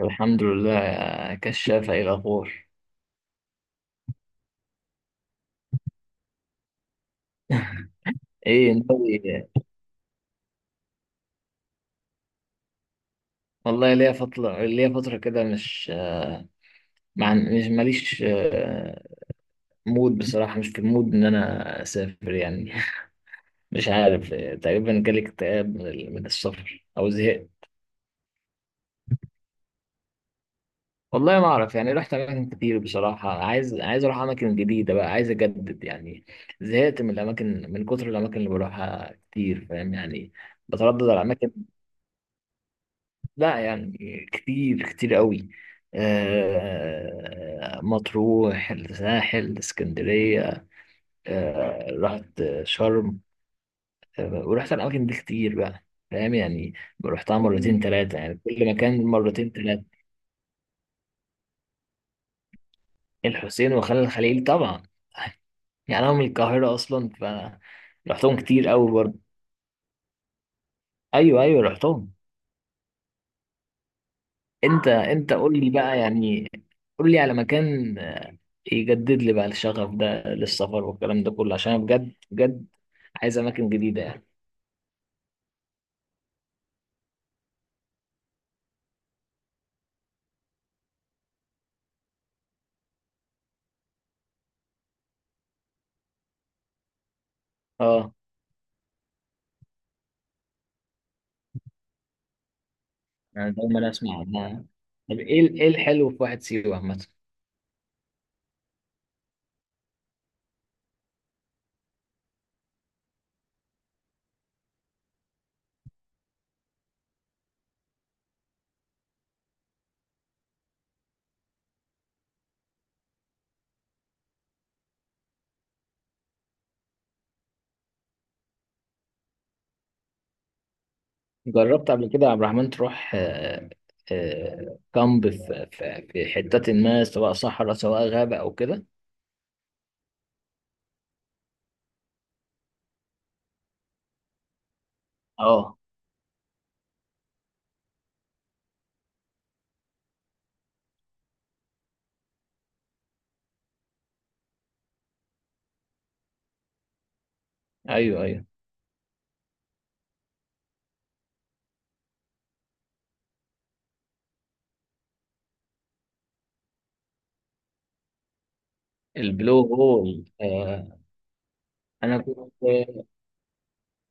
الحمد لله يا كشافة، ايه الأخبار؟ ايه ناوي. والله ليا فترة كده، مش مع مش ماليش مود بصراحة. مش في المود إن أنا أسافر يعني. مش عارف. تقريبا جالي اكتئاب من السفر أو زهقت. والله ما أعرف، يعني رحت أماكن كتير بصراحة. عايز أروح أماكن جديدة بقى، عايز أجدد يعني. زهقت من الأماكن من كتر الأماكن اللي بروحها كتير، فاهم يعني؟ بتردد على الأماكن، لا يعني كتير كتير قوي. مطروح، الساحل، اسكندرية. رحت شرم. ورحت الأماكن دي كتير بقى، فاهم يعني؟ رحتها مرتين، تلاتة، يعني كل مكان مرتين تلاتة. الحسين وخان الخليل طبعا. يعني أنا من القاهرة أصلا، فرحتهم كتير قوي برضه. أيوه أيوه، رحتهم. أنت قول لي بقى يعني، قول لي على مكان يجدد لي بقى الشغف ده للسفر والكلام ده كله، عشان أنا بجد بجد عايز اماكن جديده يعني. اه، انا دايما اسمع عنها. طب ايه ايه الحلو في واحد سيوه عامه؟ جربت قبل كده يا عبد الرحمن تروح كامب في حتات، ما سواء صحراء سواء غابه او كده؟ اه. ايوه ايوه. البلو هول. انا كنت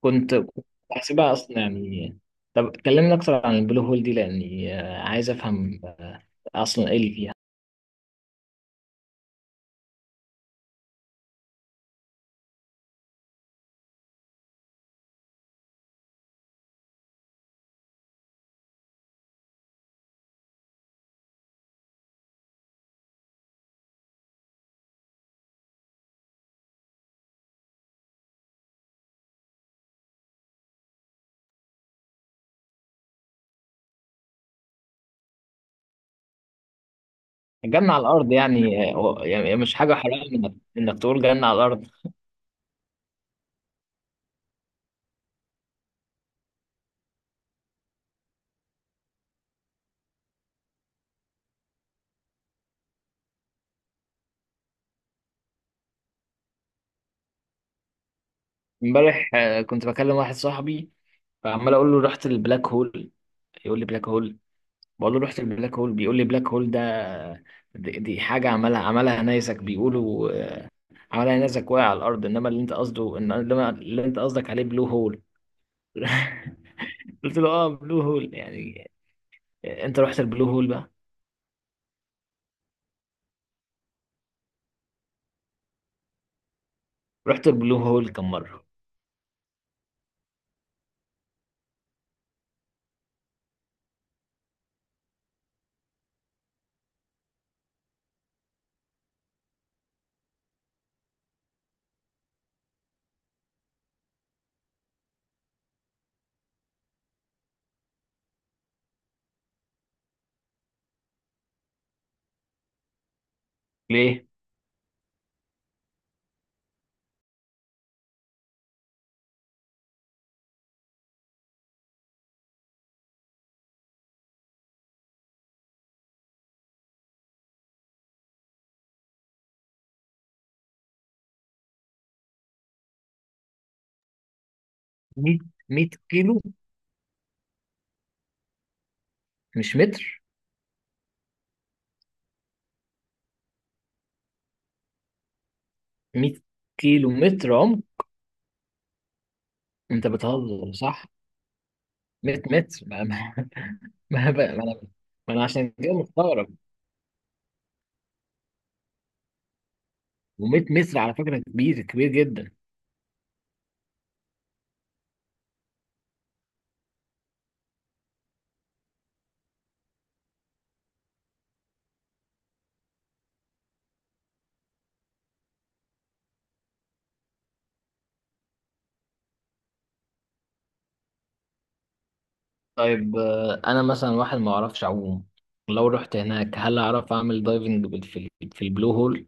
كنت كنت بحسبها اصلا يعني. طب كلمنا اكتر عن البلو هول دي، لاني عايز افهم اصلا ايه اللي فيها. الجنة على الأرض يعني، يعني مش حاجة حرام إنك تقول جنة على الأرض. امبارح كنت بكلم واحد صاحبي، فعمال أقول له رحت البلاك هول، يقول لي بلاك هول. بقول له رحت البلاك هول، بيقول لي بلاك هول ده دي حاجة عملها نيزك، بيقولوا عملها نيزك واقع على الأرض. إنما اللي أنت قصده، إنما اللي أنت قصدك عليه بلو هول. قلت له اه، بلو هول يعني. أنت رحت البلو هول بقى؟ رحت البلو هول كم مرة؟ ليه؟ 100؟ 100 كيلو مش متر؟ 100 كيلو متر عمق؟ انت بتهزر، صح؟ 100 متر. ما, ما, أنا- ما انا عشان كده مستغرب. و100 متر على فكرة كبير كبير جدا. طيب، انا مثلا واحد ما اعرفش اعوم، لو رحت هناك هل اعرف اعمل دايفنج في البلو هول؟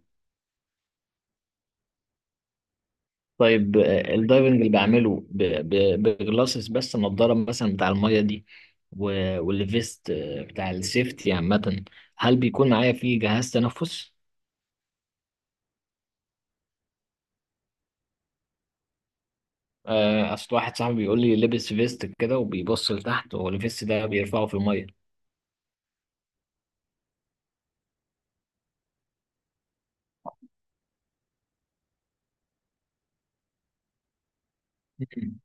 طيب الدايفنج اللي بعمله بجلاسس بس، النضاره مثلا بتاع المية دي والفيست بتاع السيفتي عامة، هل بيكون معايا فيه جهاز تنفس؟ اصل واحد صاحبي بيقول لي لبس فيست كده وبيبص لتحت، هو الفيست ده بيرفعه في الميه. مم.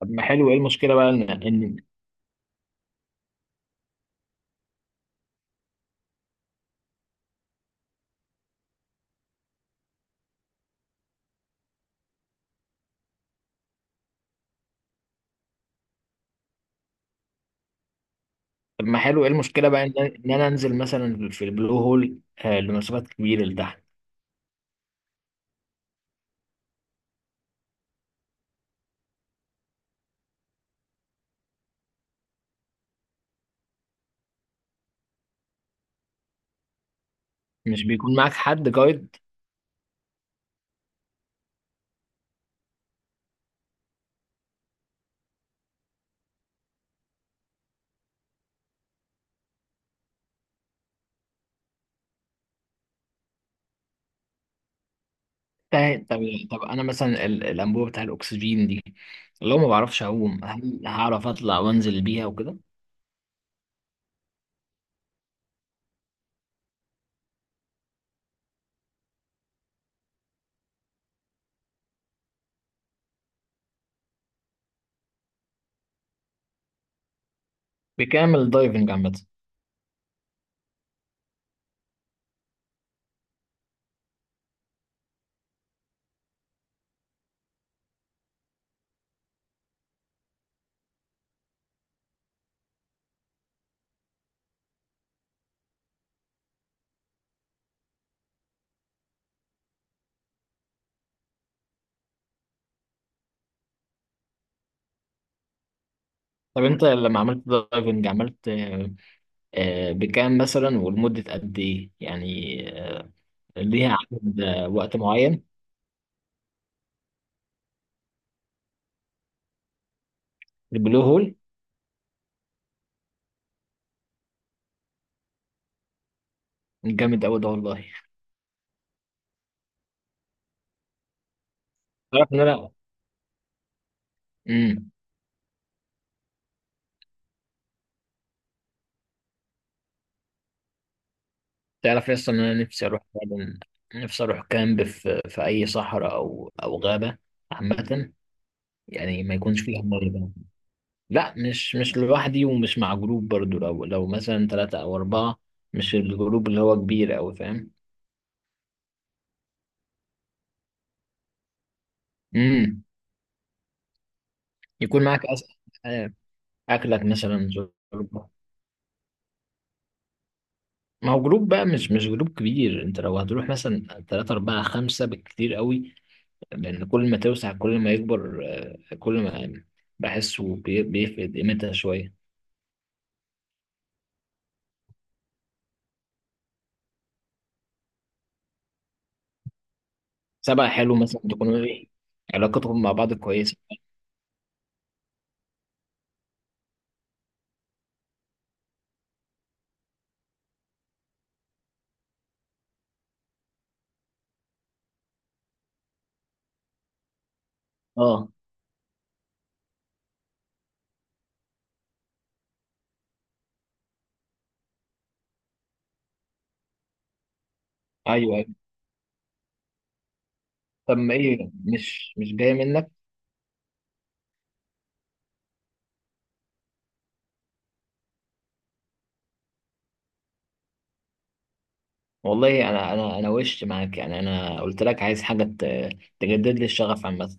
طب ما حلو ايه المشكله بقى ان ان طب ما حلو ايه المشكله بقى ان انا انزل مثلا في البلو هول لمسافات كبيره لتحت. مش بيكون معاك حد جايد؟ طب طب انا مثلا الانبوبه بتاع الاكسجين دي، لو ما بعرفش اعوم هل هعرف اطلع وانزل بيها وكده؟ بكامل دايفنج عامه؟ طب انت لما عملت دايفنج عملت بكام مثلا ولمده قد ايه يعني؟ ليها عدد وقت معين؟ البلو هول جامد قوي ده والله. تعرف ان انا امم تعرف اصلا ان انا نفسي اروح فعلا. نفسي اروح كامب في اي صحراء او غابه عامه، يعني ما يكونش فيها ميه بقى. لا مش لوحدي ومش مع جروب برضو. لو مثلا ثلاثه او اربعه، مش الجروب اللي هو كبير قوي، فاهم؟ امم يكون معاك أس... آه، اكلك مثلا، شربة. ما هو جروب بقى، مش جروب كبير. انت لو هتروح مثلا ثلاثة أربعة خمسة بالكتير قوي، لأن كل ما توسع كل ما يكبر. كل ما بحسه بيفقد قيمتها شوية. سبع حلو، مثلا تكون ايه علاقتهم مع بعض كويسة. اه، ايوه ايوه. طب ما ايه؟ مش جاية منك. والله انا وش معاك يعني، انا قلت لك عايز حاجة تجدد لي الشغف عامة.